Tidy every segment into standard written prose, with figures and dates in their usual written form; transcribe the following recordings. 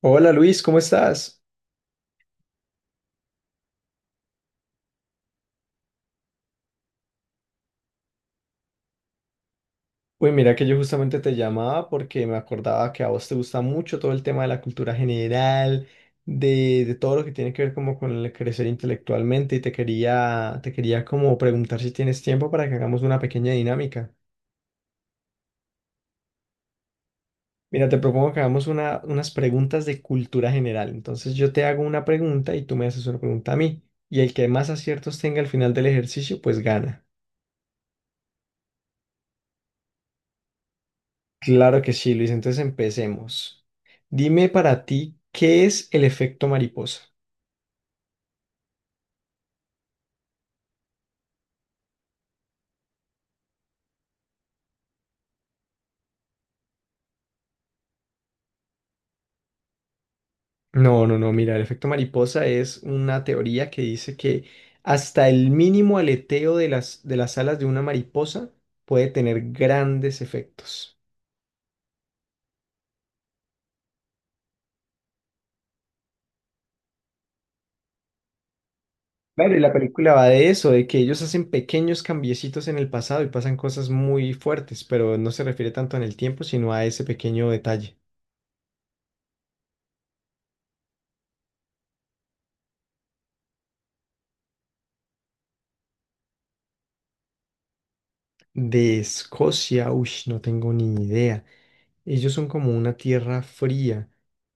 Hola Luis, ¿cómo estás? Uy, mira que yo justamente te llamaba porque me acordaba que a vos te gusta mucho todo el tema de la cultura general, de todo lo que tiene que ver como con el crecer intelectualmente y te quería como preguntar si tienes tiempo para que hagamos una pequeña dinámica. Mira, te propongo que hagamos unas preguntas de cultura general. Entonces yo te hago una pregunta y tú me haces una pregunta a mí. Y el que más aciertos tenga al final del ejercicio, pues gana. Claro que sí, Luis. Entonces empecemos. Dime para ti, ¿qué es el efecto mariposa? No, no, no, mira, el efecto mariposa es una teoría que dice que hasta el mínimo aleteo de las alas de una mariposa puede tener grandes efectos. Claro, y la película va de eso, de que ellos hacen pequeños cambiecitos en el pasado y pasan cosas muy fuertes, pero no se refiere tanto en el tiempo, sino a ese pequeño detalle. De Escocia, uy, no tengo ni idea. Ellos son como una tierra fría.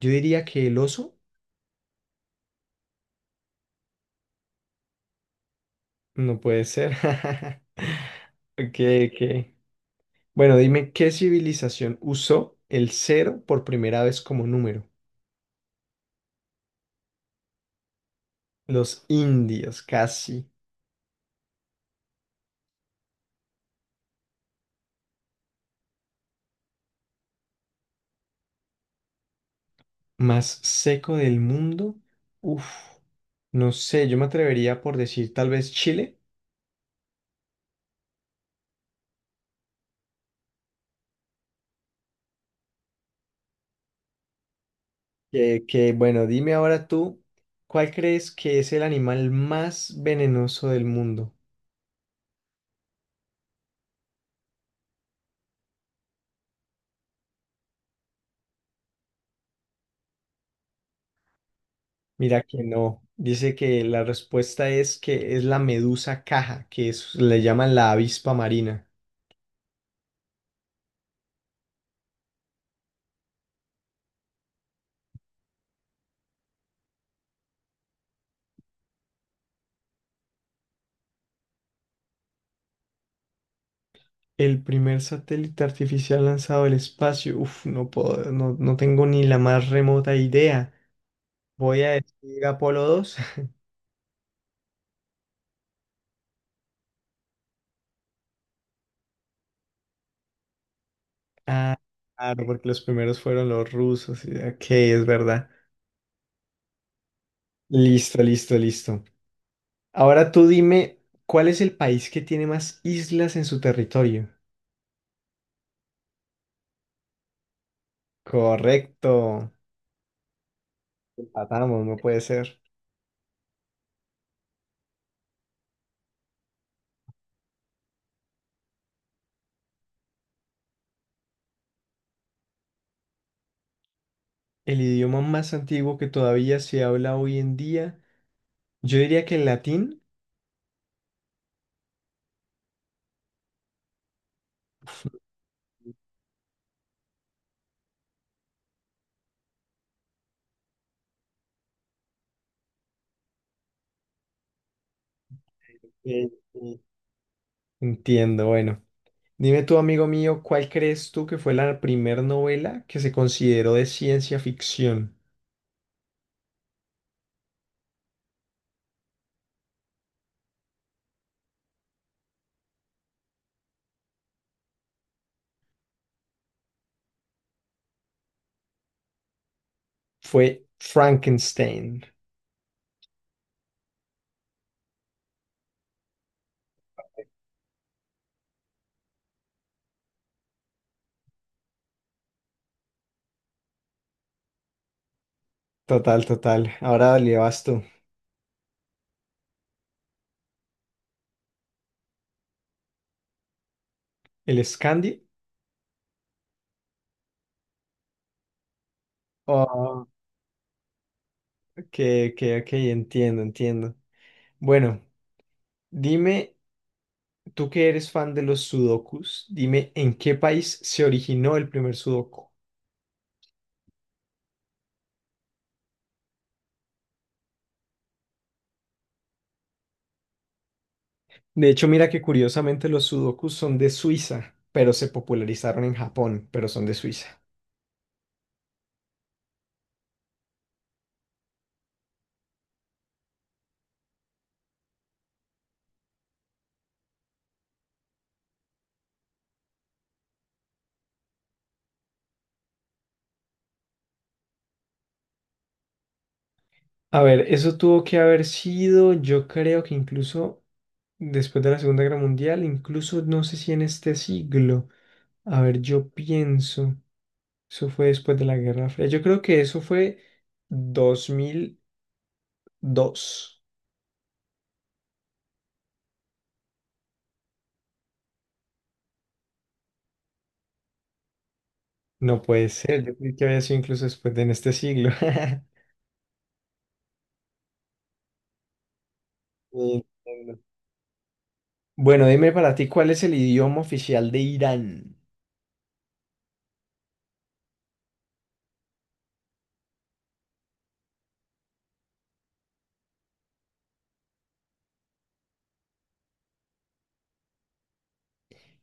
Yo diría que el oso no puede ser. Ok, ok. Bueno, dime, ¿qué civilización usó el cero por primera vez como número? Los indios, casi. ¿Más seco del mundo? Uf, no sé, yo me atrevería por decir tal vez Chile. Bueno, dime ahora tú, ¿cuál crees que es el animal más venenoso del mundo? Mira que no. Dice que la respuesta es que es la medusa caja, que es, le llaman la avispa marina. El primer satélite artificial lanzado al espacio. Uf, no puedo, no, no tengo ni la más remota idea. Voy a decir Apolo 2. Ah, claro, porque los primeros fueron los rusos. Ok, es verdad. Listo, listo, listo. Ahora tú dime, ¿cuál es el país que tiene más islas en su territorio? Correcto. Empatamos, no puede ser. El idioma más antiguo que todavía se habla hoy en día, yo diría que el latín. Eh, eh, Entiendo, bueno. Dime tú, amigo mío, ¿cuál crees tú que fue la primer novela que se consideró de ciencia ficción? Fue Frankenstein. Total, total. Ahora le vas tú. ¿El Scandi? Oh, ok, ok, ok, entiendo, entiendo. Bueno, dime, tú que eres fan de los sudokus, dime en qué país se originó el primer sudoku. De hecho, mira que curiosamente los sudokus son de Suiza, pero se popularizaron en Japón, pero son de Suiza. A ver, eso tuvo que haber sido, yo creo que incluso después de la Segunda Guerra Mundial, incluso no sé si en este siglo. A ver, yo pienso, eso fue después de la Guerra Fría. Yo creo que eso fue 2002. No puede ser, yo creí que había sido incluso después de en este siglo. Entiendo. Bueno, dime para ti, ¿cuál es el idioma oficial de Irán?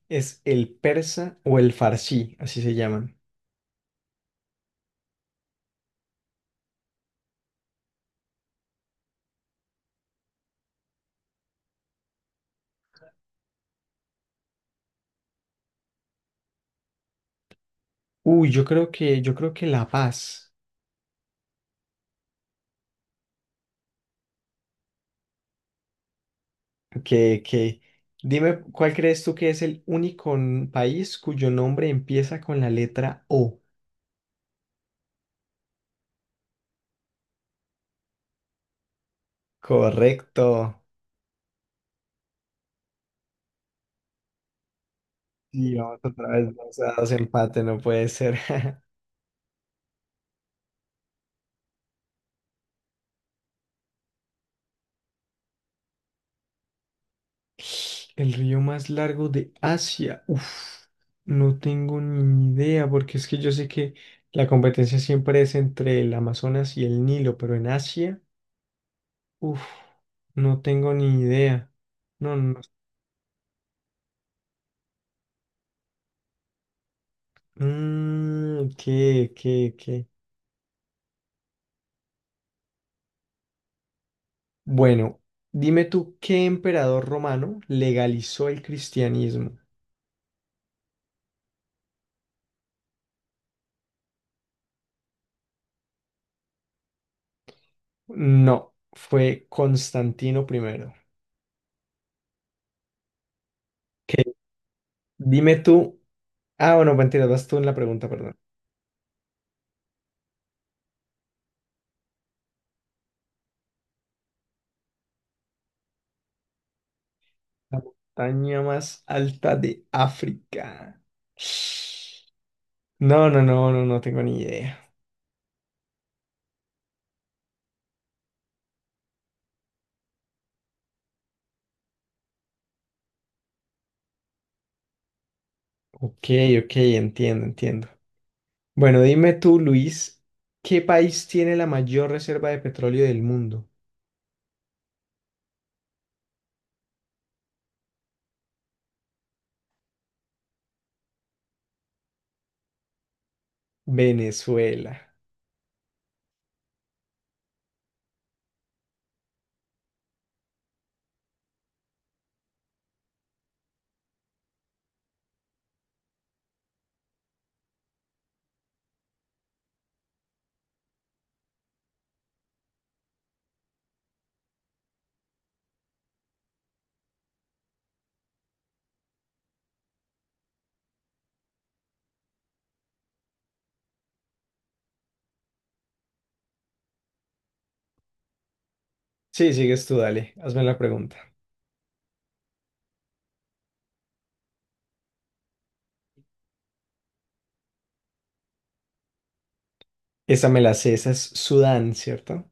¿Es el persa o el farsi? Así se llaman. Uy, yo creo que La Paz. Que, que, dime, ¿cuál crees tú que es el único país cuyo nombre empieza con la letra O? Correcto. Y vamos otra vez, vamos a dos empates, no puede ser. El río más largo de Asia. Uf, no tengo ni idea, porque es que yo sé que la competencia siempre es entre el Amazonas y el Nilo, pero en Asia, uf, no tengo ni idea. No, no. Mm, ¿qué? Bueno, dime tú, ¿qué emperador romano legalizó el cristianismo? No, fue Constantino primero. ¿Qué? Dime tú. Ah, bueno, mentira, vas tú en la pregunta, perdón. La montaña más alta de África. No, no, no, no, no tengo ni idea. Ok, ok, entiendo, entiendo. Bueno, dime tú, Luis, ¿qué país tiene la mayor reserva de petróleo del mundo? Venezuela. Sí, sigues tú, dale, hazme la pregunta. Esa me la sé, esa es Sudán, ¿cierto?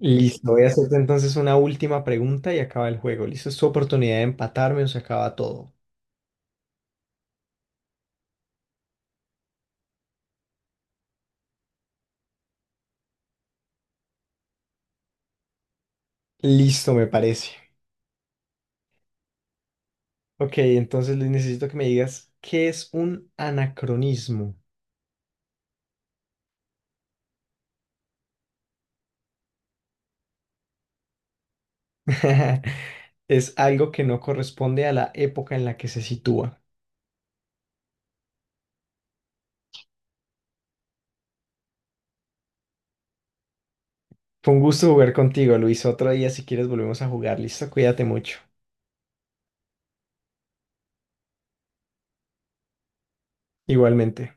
Listo, voy a hacerte entonces una última pregunta y acaba el juego. Listo, es tu oportunidad de empatarme o se acaba todo. Listo, me parece. Ok, entonces Luis, necesito que me digas qué es un anacronismo. Es algo que no corresponde a la época en la que se sitúa. Fue un gusto jugar contigo, Luis. Otro día, si quieres, volvemos a jugar. Listo, cuídate mucho. Igualmente.